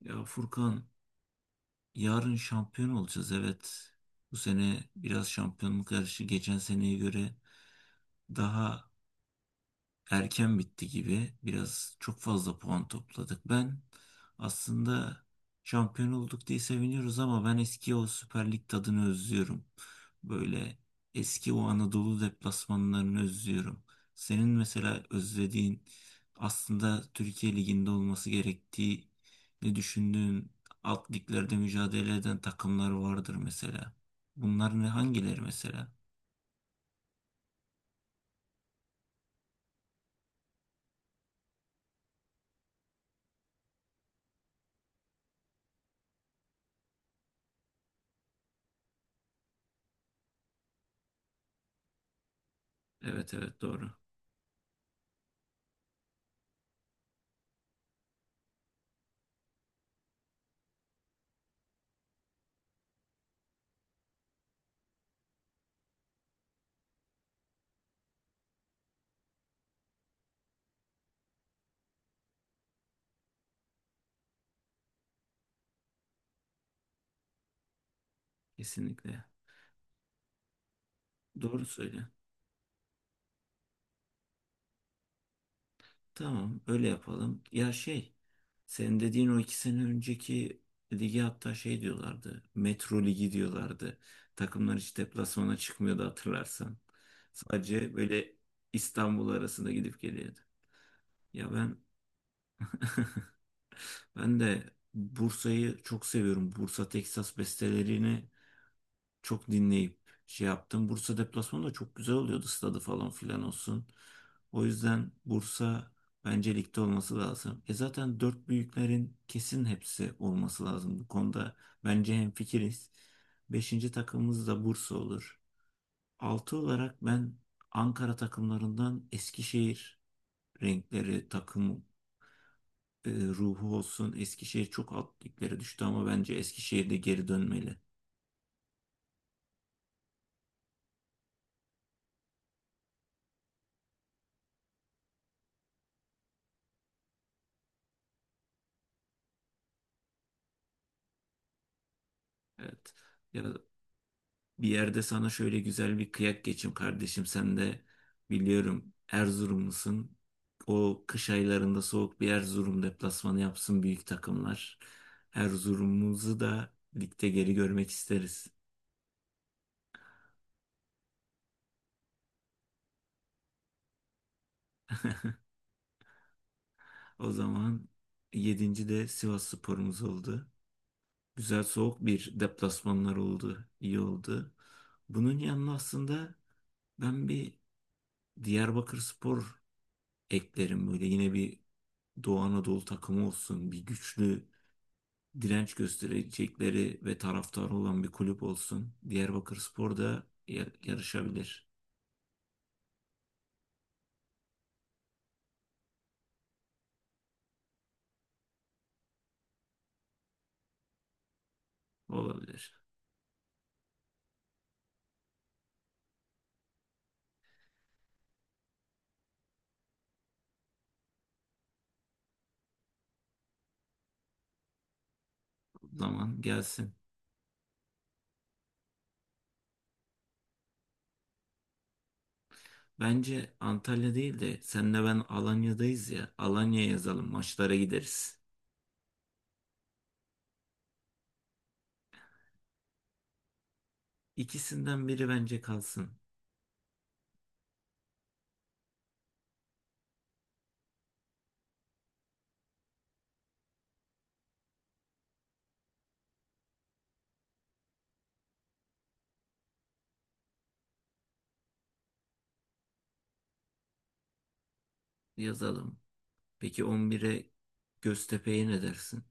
Ya Furkan, yarın şampiyon olacağız, evet. Bu sene biraz şampiyonluk yarışı geçen seneye göre daha erken bitti gibi. Biraz çok fazla puan topladık. Ben aslında şampiyon olduk diye seviniyoruz ama ben eski o Süper Lig tadını özlüyorum. Böyle eski o Anadolu deplasmanlarını özlüyorum. Senin mesela özlediğin, aslında Türkiye Ligi'nde olması gerektiği ne düşündüğün, alt liglerde mücadele eden takımlar vardır mesela. Bunlar ne, hangileri mesela? Evet evet, doğru. Kesinlikle. Doğru söyle. Tamam, öyle yapalım. Ya senin dediğin o iki sene önceki ligi, hatta şey diyorlardı. Metro Ligi diyorlardı. Takımlar hiç deplasmana çıkmıyordu hatırlarsan. Sadece böyle İstanbul arasında gidip geliyordu. Ya ben ben de Bursa'yı çok seviyorum. Bursa Teksas bestelerini çok dinleyip şey yaptım. Bursa deplasmanı da çok güzel oluyordu, stadı falan filan olsun. O yüzden Bursa bence ligde olması lazım. E zaten dört büyüklerin kesin hepsi olması lazım. Bu konuda bence hemfikiriz. Beşinci takımımız da Bursa olur. Altı olarak ben Ankara takımlarından Eskişehir renkleri, takım ruhu olsun. Eskişehir çok alt liglere düştü ama bence Eskişehir de geri dönmeli. Evet. Ya, bir yerde sana şöyle güzel bir kıyak geçeyim kardeşim. Sen de biliyorum Erzurumlusun. O kış aylarında soğuk bir Erzurum deplasmanı yapsın büyük takımlar. Erzurum'umuzu da ligde geri görmek isteriz. O zaman yedinci de Sivas sporumuz oldu. Güzel soğuk bir deplasmanlar oldu. İyi oldu. Bunun yanına aslında ben bir Diyarbakır Spor eklerim, böyle yine bir Doğu Anadolu takımı olsun, bir güçlü direnç gösterecekleri ve taraftarı olan bir kulüp olsun. Diyarbakırspor da yarışabilir. Olabilir. Zaman gelsin. Bence Antalya değil de senle ben Alanya'dayız ya. Alanya yazalım, maçlara gideriz. İkisinden biri bence kalsın. Yazalım. Peki 11'e Göztepe'ye ne dersin?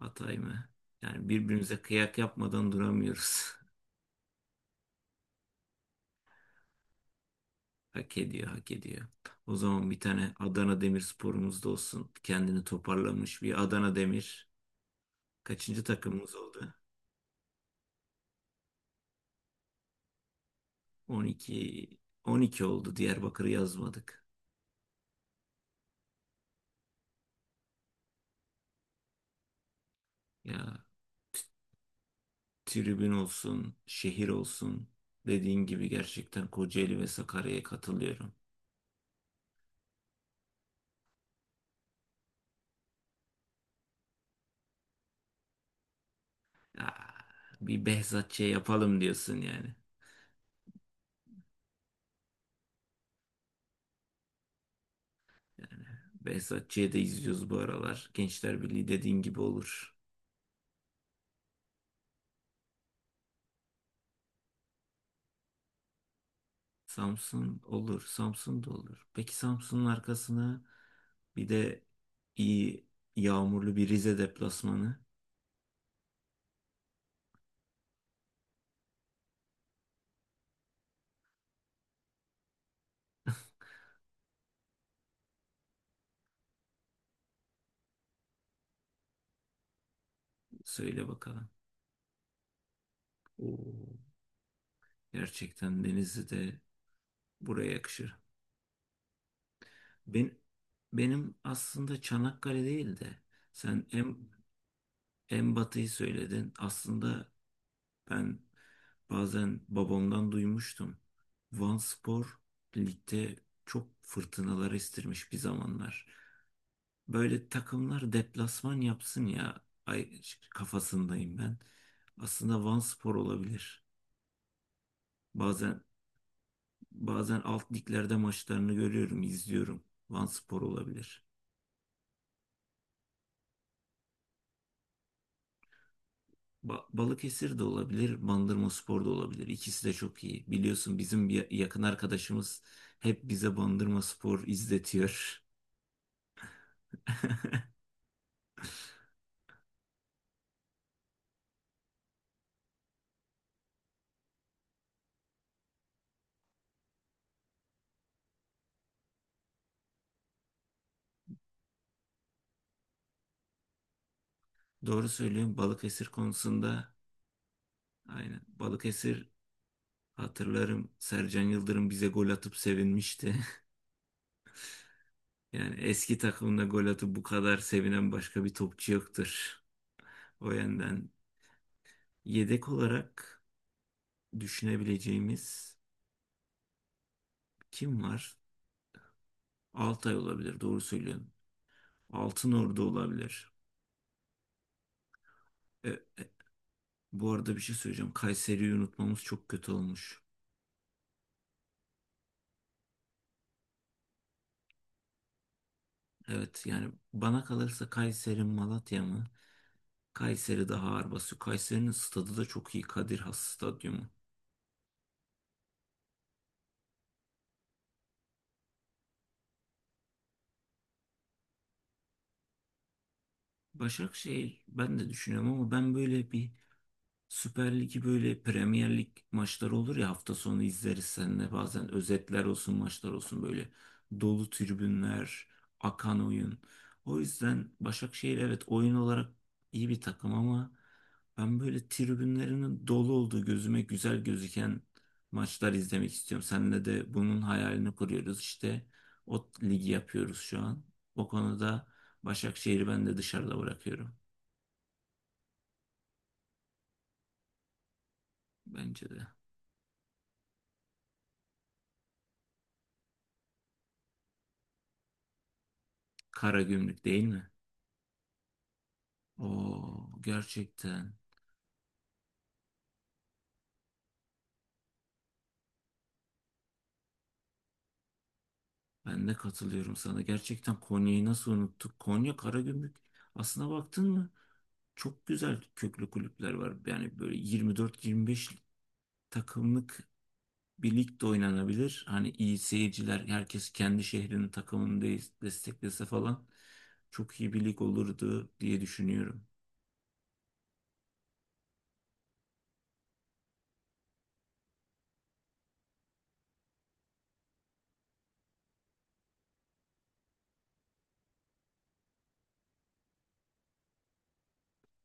Atay mı? Yani birbirimize kıyak yapmadan duramıyoruz. Hak ediyor, hak ediyor. O zaman bir tane Adana Demirspor'umuz da olsun. Kendini toparlamış bir Adana Demir. Kaçıncı takımımız oldu? 12. 12 oldu. Diyarbakır'ı yazmadık. Ya, tribün olsun, şehir olsun. Dediğin gibi, gerçekten Kocaeli ve Sakarya'ya katılıyorum. Ya, bir Behzatçı'ya yapalım diyorsun yani. Yani Behzatçı'ya da izliyoruz bu aralar. Gençler Birliği dediğin gibi olur. Samsun olur. Samsun da olur. Peki Samsun'un arkasına bir de iyi yağmurlu bir Rize deplasmanı, söyle bakalım. Oo. Gerçekten Denizli de buraya yakışır. Ben, benim aslında Çanakkale değil de sen en batıyı söyledin. Aslında ben bazen babamdan duymuştum. Van spor ligde çok fırtınalar estirmiş bir zamanlar. Böyle takımlar deplasman yapsın ya. Ay, kafasındayım ben. Aslında Vanspor olabilir. Bazen bazen alt liglerde maçlarını görüyorum, izliyorum. Vanspor olabilir. Balıkesir de olabilir, Bandırmaspor da olabilir. İkisi de çok iyi. Biliyorsun bizim bir yakın arkadaşımız hep bize Bandırmaspor izletiyor. Doğru söylüyorum Balıkesir konusunda. Aynen. Balıkesir, hatırlarım, Sercan Yıldırım bize gol atıp sevinmişti. Yani eski takımında gol atıp bu kadar sevinen başka bir topçu yoktur. O yönden yedek olarak düşünebileceğimiz kim var? Altay olabilir, doğru söylüyorsun. Altınordu olabilir. E, bu arada bir şey söyleyeceğim. Kayseri'yi unutmamız çok kötü olmuş. Evet yani bana kalırsa Kayseri Malatya mı? Kayseri daha ağır basıyor. Kayseri'nin stadı da çok iyi. Kadir Has Stadyumu. Başakşehir ben de düşünüyorum ama ben böyle bir Süper Lig'i, böyle Premier Lig maçları olur ya hafta sonu, izleriz seninle bazen, özetler olsun, maçlar olsun, böyle dolu tribünler, akan oyun. O yüzden Başakşehir, evet, oyun olarak iyi bir takım ama ben böyle tribünlerinin dolu olduğu, gözüme güzel gözüken maçlar izlemek istiyorum. Seninle de bunun hayalini kuruyoruz işte, o ligi yapıyoruz şu an. O konuda Başakşehir'i ben de dışarıda bırakıyorum, bence de. Karagümrük değil mi? Oo, gerçekten. Ben de katılıyorum sana. Gerçekten Konya'yı nasıl unuttuk? Konya, Karagümrük. Aslına baktın mı? Çok güzel köklü kulüpler var. Yani böyle 24-25 takımlık bir lig de oynanabilir. Hani iyi seyirciler, herkes kendi şehrinin takımını desteklese falan, çok iyi bir lig olurdu diye düşünüyorum.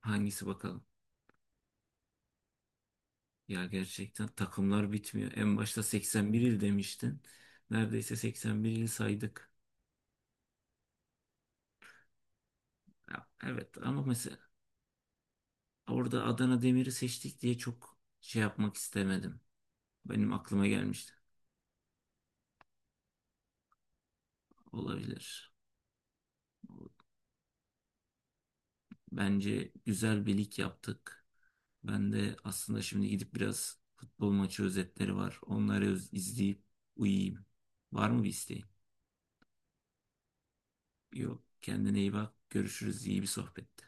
Hangisi bakalım? Ya gerçekten takımlar bitmiyor. En başta 81 il demiştin. Neredeyse 81 il saydık. Ya, evet ama mesela orada Adana Demir'i seçtik diye çok şey yapmak istemedim. Benim aklıma gelmişti. Olabilir. Bence güzel bir lig yaptık. Ben de aslında şimdi gidip biraz futbol maçı özetleri var. Onları izleyip uyuyayım. Var mı bir isteğin? Yok. Kendine iyi bak. Görüşürüz. İyi bir sohbetti.